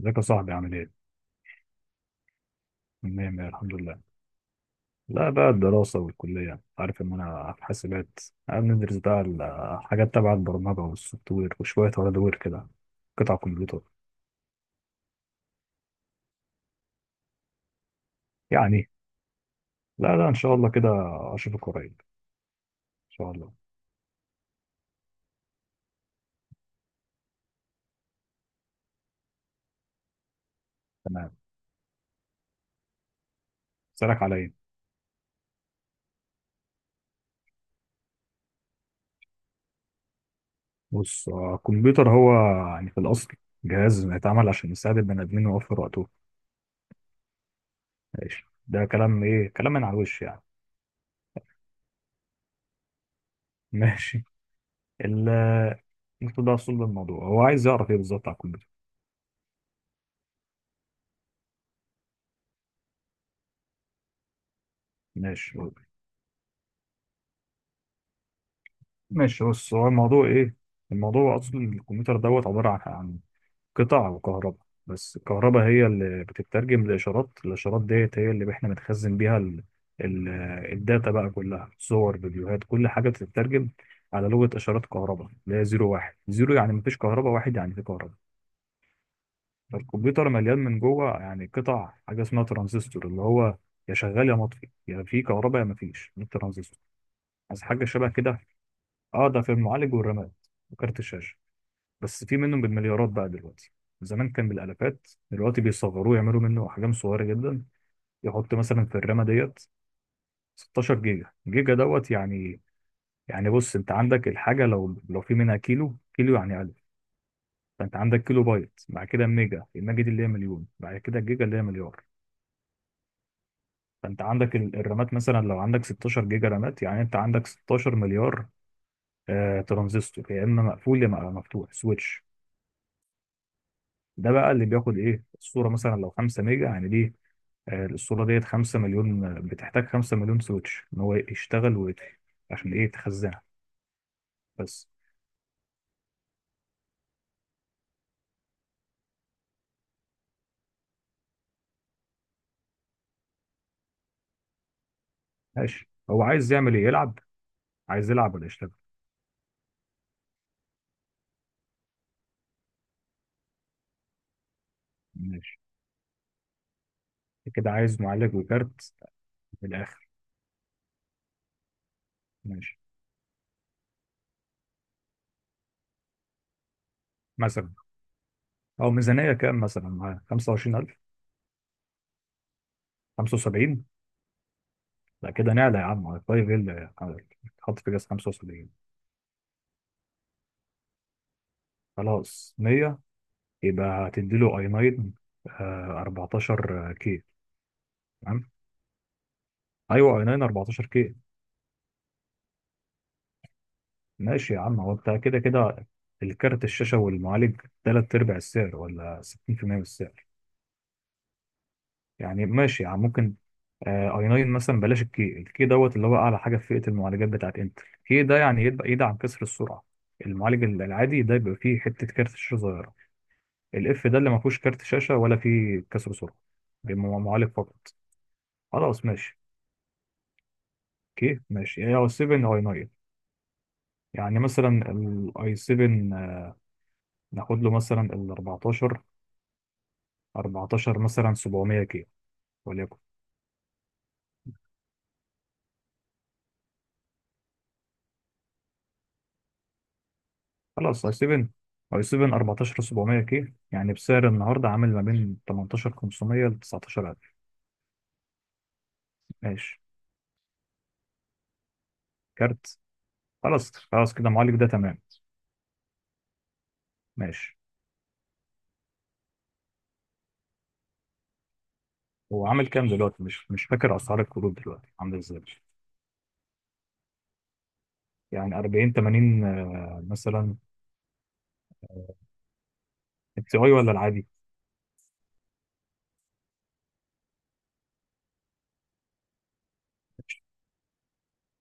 ازيك يا صاحبي عامل ايه؟ مية مية الحمد لله. لا بقى الدراسة والكلية، عارف ان انا في حاسبات قاعد ندرس بقى. الحاجات تبع البرمجة والسوفت وير وشوية هاردوير وير كده، قطع كمبيوتر. يعني، لا لا ان شاء الله كده، اشوفك قريب ان شاء الله. تمام. اسألك على ايه؟ بص الكمبيوتر هو يعني في الاصل جهاز يتعمل عشان يساعد البني ادمين ويوفر وقته. ماشي، ده كلام ايه؟ كلام من على الوش يعني. ماشي. ال- انت ده اصل الموضوع، هو عايز يعرف ايه بالظبط على الكمبيوتر؟ ماشي ماشي، بص هو الموضوع ايه. الموضوع اصلا الكمبيوتر دوت عباره عن قطع وكهرباء، بس الكهرباء هي اللي بتترجم لاشارات، الاشارات ديت هي اللي احنا بنخزن بيها ال... الداتا بقى، كلها صور فيديوهات، كل حاجه بتترجم على لغه اشارات كهرباء، اللي هي زيرو واحد، زيرو يعني مفيش كهرباء، واحد يعني في كهرباء. فالكمبيوتر مليان من جوه يعني قطع، حاجه اسمها ترانزستور، اللي هو يا شغال يا مطفي، يا في كهرباء يا مفيش، ده الترانزستور. عايز حاجه شبه كده. اه ده في المعالج والرامات وكارت الشاشه. بس في منهم بالمليارات بقى دلوقتي، زمان كان بالالافات، دلوقتي بيصغروه، يعملوا منه احجام صغيره جدا، يحط مثلا في الرامه ديت 16 جيجا. دوت يعني، يعني بص انت عندك الحاجه، لو في منها كيلو كيلو يعني 1000، فانت عندك كيلو بايت، بعد كده ميجا، الميجا دي اللي هي مليون، بعد كده الجيجا اللي هي مليار. فانت عندك الرامات مثلا، لو عندك 16 جيجا رامات يعني انت عندك 16 مليار آه ترانزستور، يا اما مقفول يا اما مفتوح، سويتش. ده بقى اللي بياخد ايه الصوره، مثلا لو 5 ميجا يعني دي الاسطوره ديت 5 مليون، بتحتاج 5 مليون سويتش ان هو يشتغل ويطفي عشان ايه؟ تخزنها. بس. ماشي، هو عايز يعمل ايه؟ يلعب؟ عايز يلعب ولا يشتغل؟ ماشي، كده عايز معالج وكارت من الاخر. ماشي. مثلا او ميزانيه كام مثلا؟ معاه 25,000؟ 75؟ لا كده نعلى يا عم على طيب ايه! تحط في جهاز 75! خلاص 100، يبقى هتديله اي 9 14 كي. تمام، ايوه اي 9 14 كي. ماشي يا عم، هو انت كده كده الكارت الشاشة والمعالج تلات أرباع السعر ولا 60% من السعر. يعني ماشي يا عم، ممكن اي 9 مثلا، بلاش الكي، الكي دوت اللي هو أعلى حاجة في فئة المعالجات بتاعت انتل، الكي ده يعني يبقى يدعم كسر السرعة. المعالج العادي ده بيبقى فيه حتة كارت شاشة صغيرة. الاف ده اللي ما فيهوش كارت شاشة ولا فيه كسر سرعة، بيبقى معالج فقط. خلاص ماشي. اوكي ماشي، يا 7 اي 9. يعني مثلا الاي 7، ناخد له مثلا ال 14، 14 مثلا 700 كيلو وليكن. خلاص اي 7. اي 7 14 700 كيلو يعني بسعر النهارده عامل ما بين 18,500 ل 19,000. ماشي. كارت. خلاص خلاص كده المعالج ده تمام. ماشي، هو عامل كام دلوقتي؟ مش فاكر اسعار الكروت دلوقتي عامله ازاي. يعني 40 80 مثلا. التي اي ولا العادي؟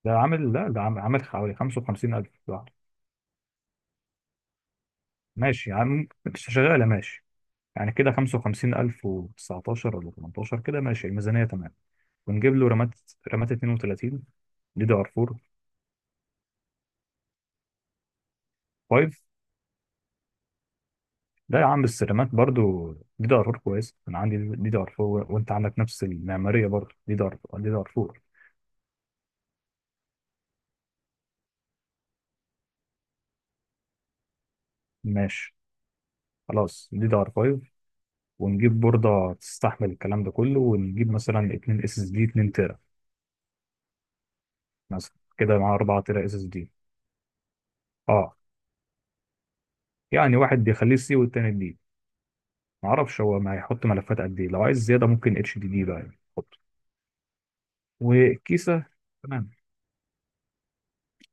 ده عامل، لا ده عامل، عامل حوالي 55,000 لوحده. ماشي، يعني مش شغاله، ماشي يعني كده 55,019 ولا 18 كده، ماشي الميزانيه تمام. ونجيب له رامات. رامات 32 دي دي ار 4. 5. لا يا عم بس الرامات برضو دي دي ار 4 كويس، انا عندي دي دي ار 4، وانت عندك نفس المعماريه برضو دي دي ار 4. ماشي خلاص دي دي ار 5. ونجيب بورده تستحمل الكلام ده كله، ونجيب مثلا 2 اس اس دي 2 تيرا مثلا، كده مع 4 تيرا اس اس دي. اه يعني واحد بيخليه سي والتاني دي، معرفش هو ما هيحط ملفات قد ايه، لو عايز زياده ممكن اتش دي دي بقى يعني يحط. وكيسه. تمام.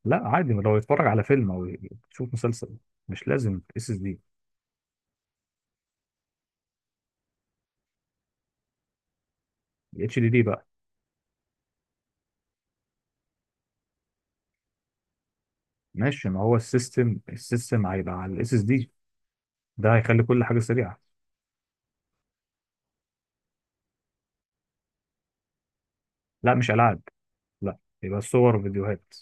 لا عادي، لو يتفرج على فيلم او يشوف مسلسل مش لازم اس اس دي. اتش دي دي بقى. ماشي، ما هو السيستم، السيستم هيبقى على الاس اس دي، ده هيخلي كل حاجه سريعه. لا مش العاب. لا. يبقى صور فيديوهات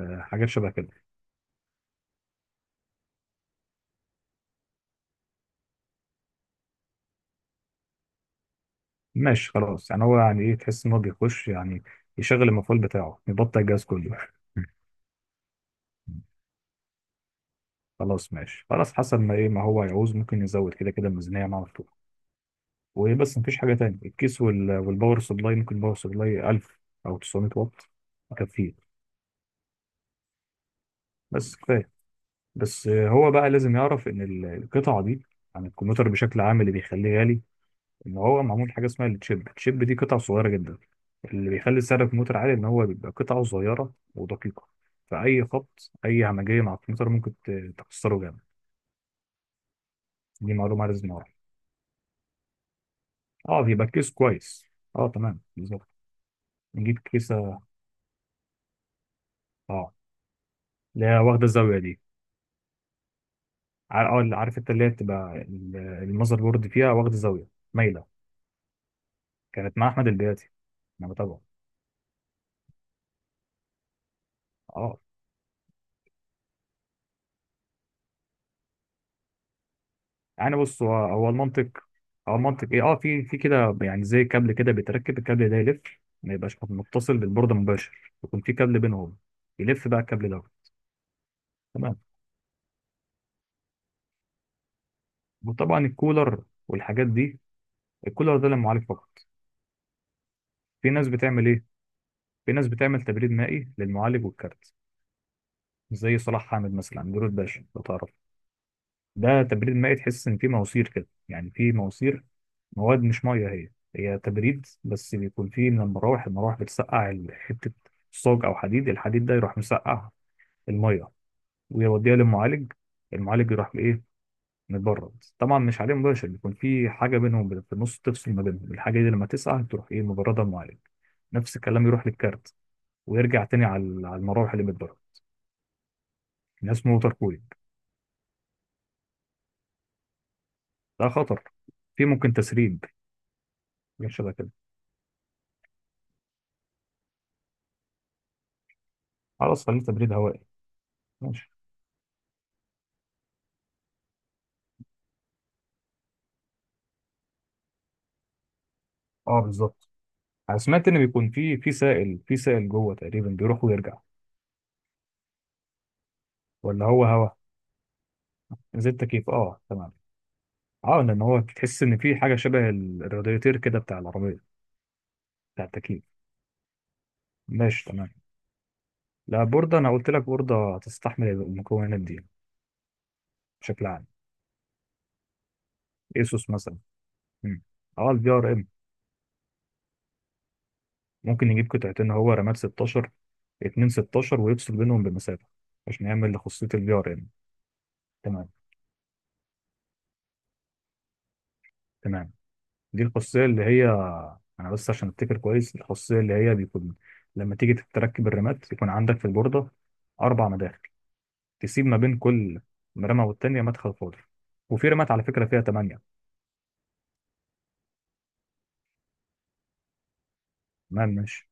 حاجات شبه كده. ماشي خلاص، يعني هو يعني ايه؟ تحس ان هو بيخش يعني يشغل المفعول بتاعه يبطل الجهاز كله. خلاص ماشي. خلاص حسب ما ايه ما هو يعوز، ممكن يزود كده كده الميزانيه معاه. وايه بس، مفيش حاجه تانية. الكيس والباور سبلاي، ممكن باور سبلاي 1000 او 900 واط يكفيه. بس كفايه. بس هو بقى لازم يعرف ان القطعه دي عن الكمبيوتر بشكل عام، اللي بيخليه غالي ان هو معمول حاجه اسمها التشيب، التشيب دي قطعه صغيره جدا، اللي بيخلي سعر الكمبيوتر عالي ان هو بيبقى قطعه صغيره ودقيقه. فاي خبط، اي همجيه مع الكمبيوتر، ممكن تكسره جامد. دي معلومه لازم نعرفها. اه بيبقى الكيس كويس. اه تمام بالظبط. نجيب كيسه. اه، لا واخده الزاويه دي. اه، عارف انت اللي هي بتبقى المذر بورد فيها واخد زاويه مايله، كانت مع احمد البياتي انا بتابعه. اه يعني بص، هو هو المنطق، هو المنطق ايه، اه في كده يعني زي كابل كده بيتركب، الكابل ده يلف، ما يبقاش متصل بالبورده مباشر، يكون في كابل بينهم يلف بقى الكابل ده. تمام. وطبعا الكولر والحاجات دي، الكولر ده للمعالج فقط. في ناس بتعمل ايه؟ في ناس بتعمل تبريد مائي للمعالج والكارت، زي صلاح حامد مثلا، نور الباشا لو تعرف. ده تبريد مائي، تحس ان في مواسير كده، يعني في مواسير مواد مش ميه هي، هي تبريد بس بيكون فيه من المراوح، المراوح بتسقع حته صاج او حديد، الحديد ده يروح مسقع الميه ويوديها للمعالج. المعالج يروح بايه؟ مبرد، طبعا مش عليه مباشر، بيكون في حاجه بينهم في النص تفصل ما بينهم، الحاجه دي لما تسقع تروح ايه؟ مبرده المعالج. نفس الكلام يروح للكارت، ويرجع تاني على على المراوح اللي بتبرد. ده اسمه ووتر كولينج. ده خطر، في ممكن تسريب، حاجات شبه كده. خلاص خليه تبريد هوائي. ماشي. اه بالظبط. انا سمعت ان بيكون في سائل، في سائل جوه تقريبا بيروح ويرجع، ولا هو هوا. زي التكييف. اه تمام. اه لان هو تحس ان في حاجه شبه الرادياتير كده بتاع العربيه، بتاع التكييف. ماشي تمام. لا بورده، انا قلت لك بورده تستحمل المكونات دي بشكل عام، ايسوس مثلا. مم. اه البي ار ام. ممكن يجيب قطعتين هو، رامات 16، 2 16 ويفصل بينهم بمسافه، عشان يعمل لخاصيه البي ار ام. تمام. تمام. دي الخاصية اللي هي، أنا بس عشان أفتكر كويس، الخاصية اللي هي بيكون لما تيجي تركب الرمات يكون عندك في البوردة أربع مداخل، تسيب ما بين كل رمة والتانية مدخل فاضي. وفي رمات على فكرة فيها تمانية. تمام ماشي.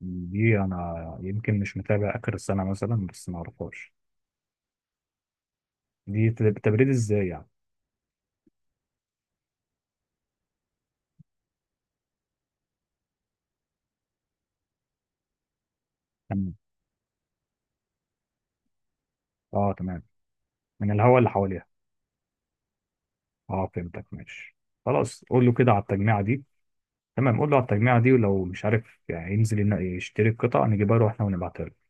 دي أنا يمكن مش متابع آخر السنة مثلا، بس ما أعرفهاش. دي تبريد إزاي يعني؟ تمام. أه تمام، من الهواء اللي حواليها. أه فهمتك ماشي. خلاص قول له كده على التجميعة دي. تمام، قول له على التجميعة دي، ولو مش عارف يعني ينزل يشتري القطع، نجيبها له احنا ونبعتها له.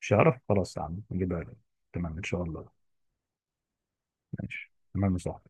مش هعرف خلاص يا عم نجيبها لك. تمام ان شاء الله. ماشي تمام يا صاحبي.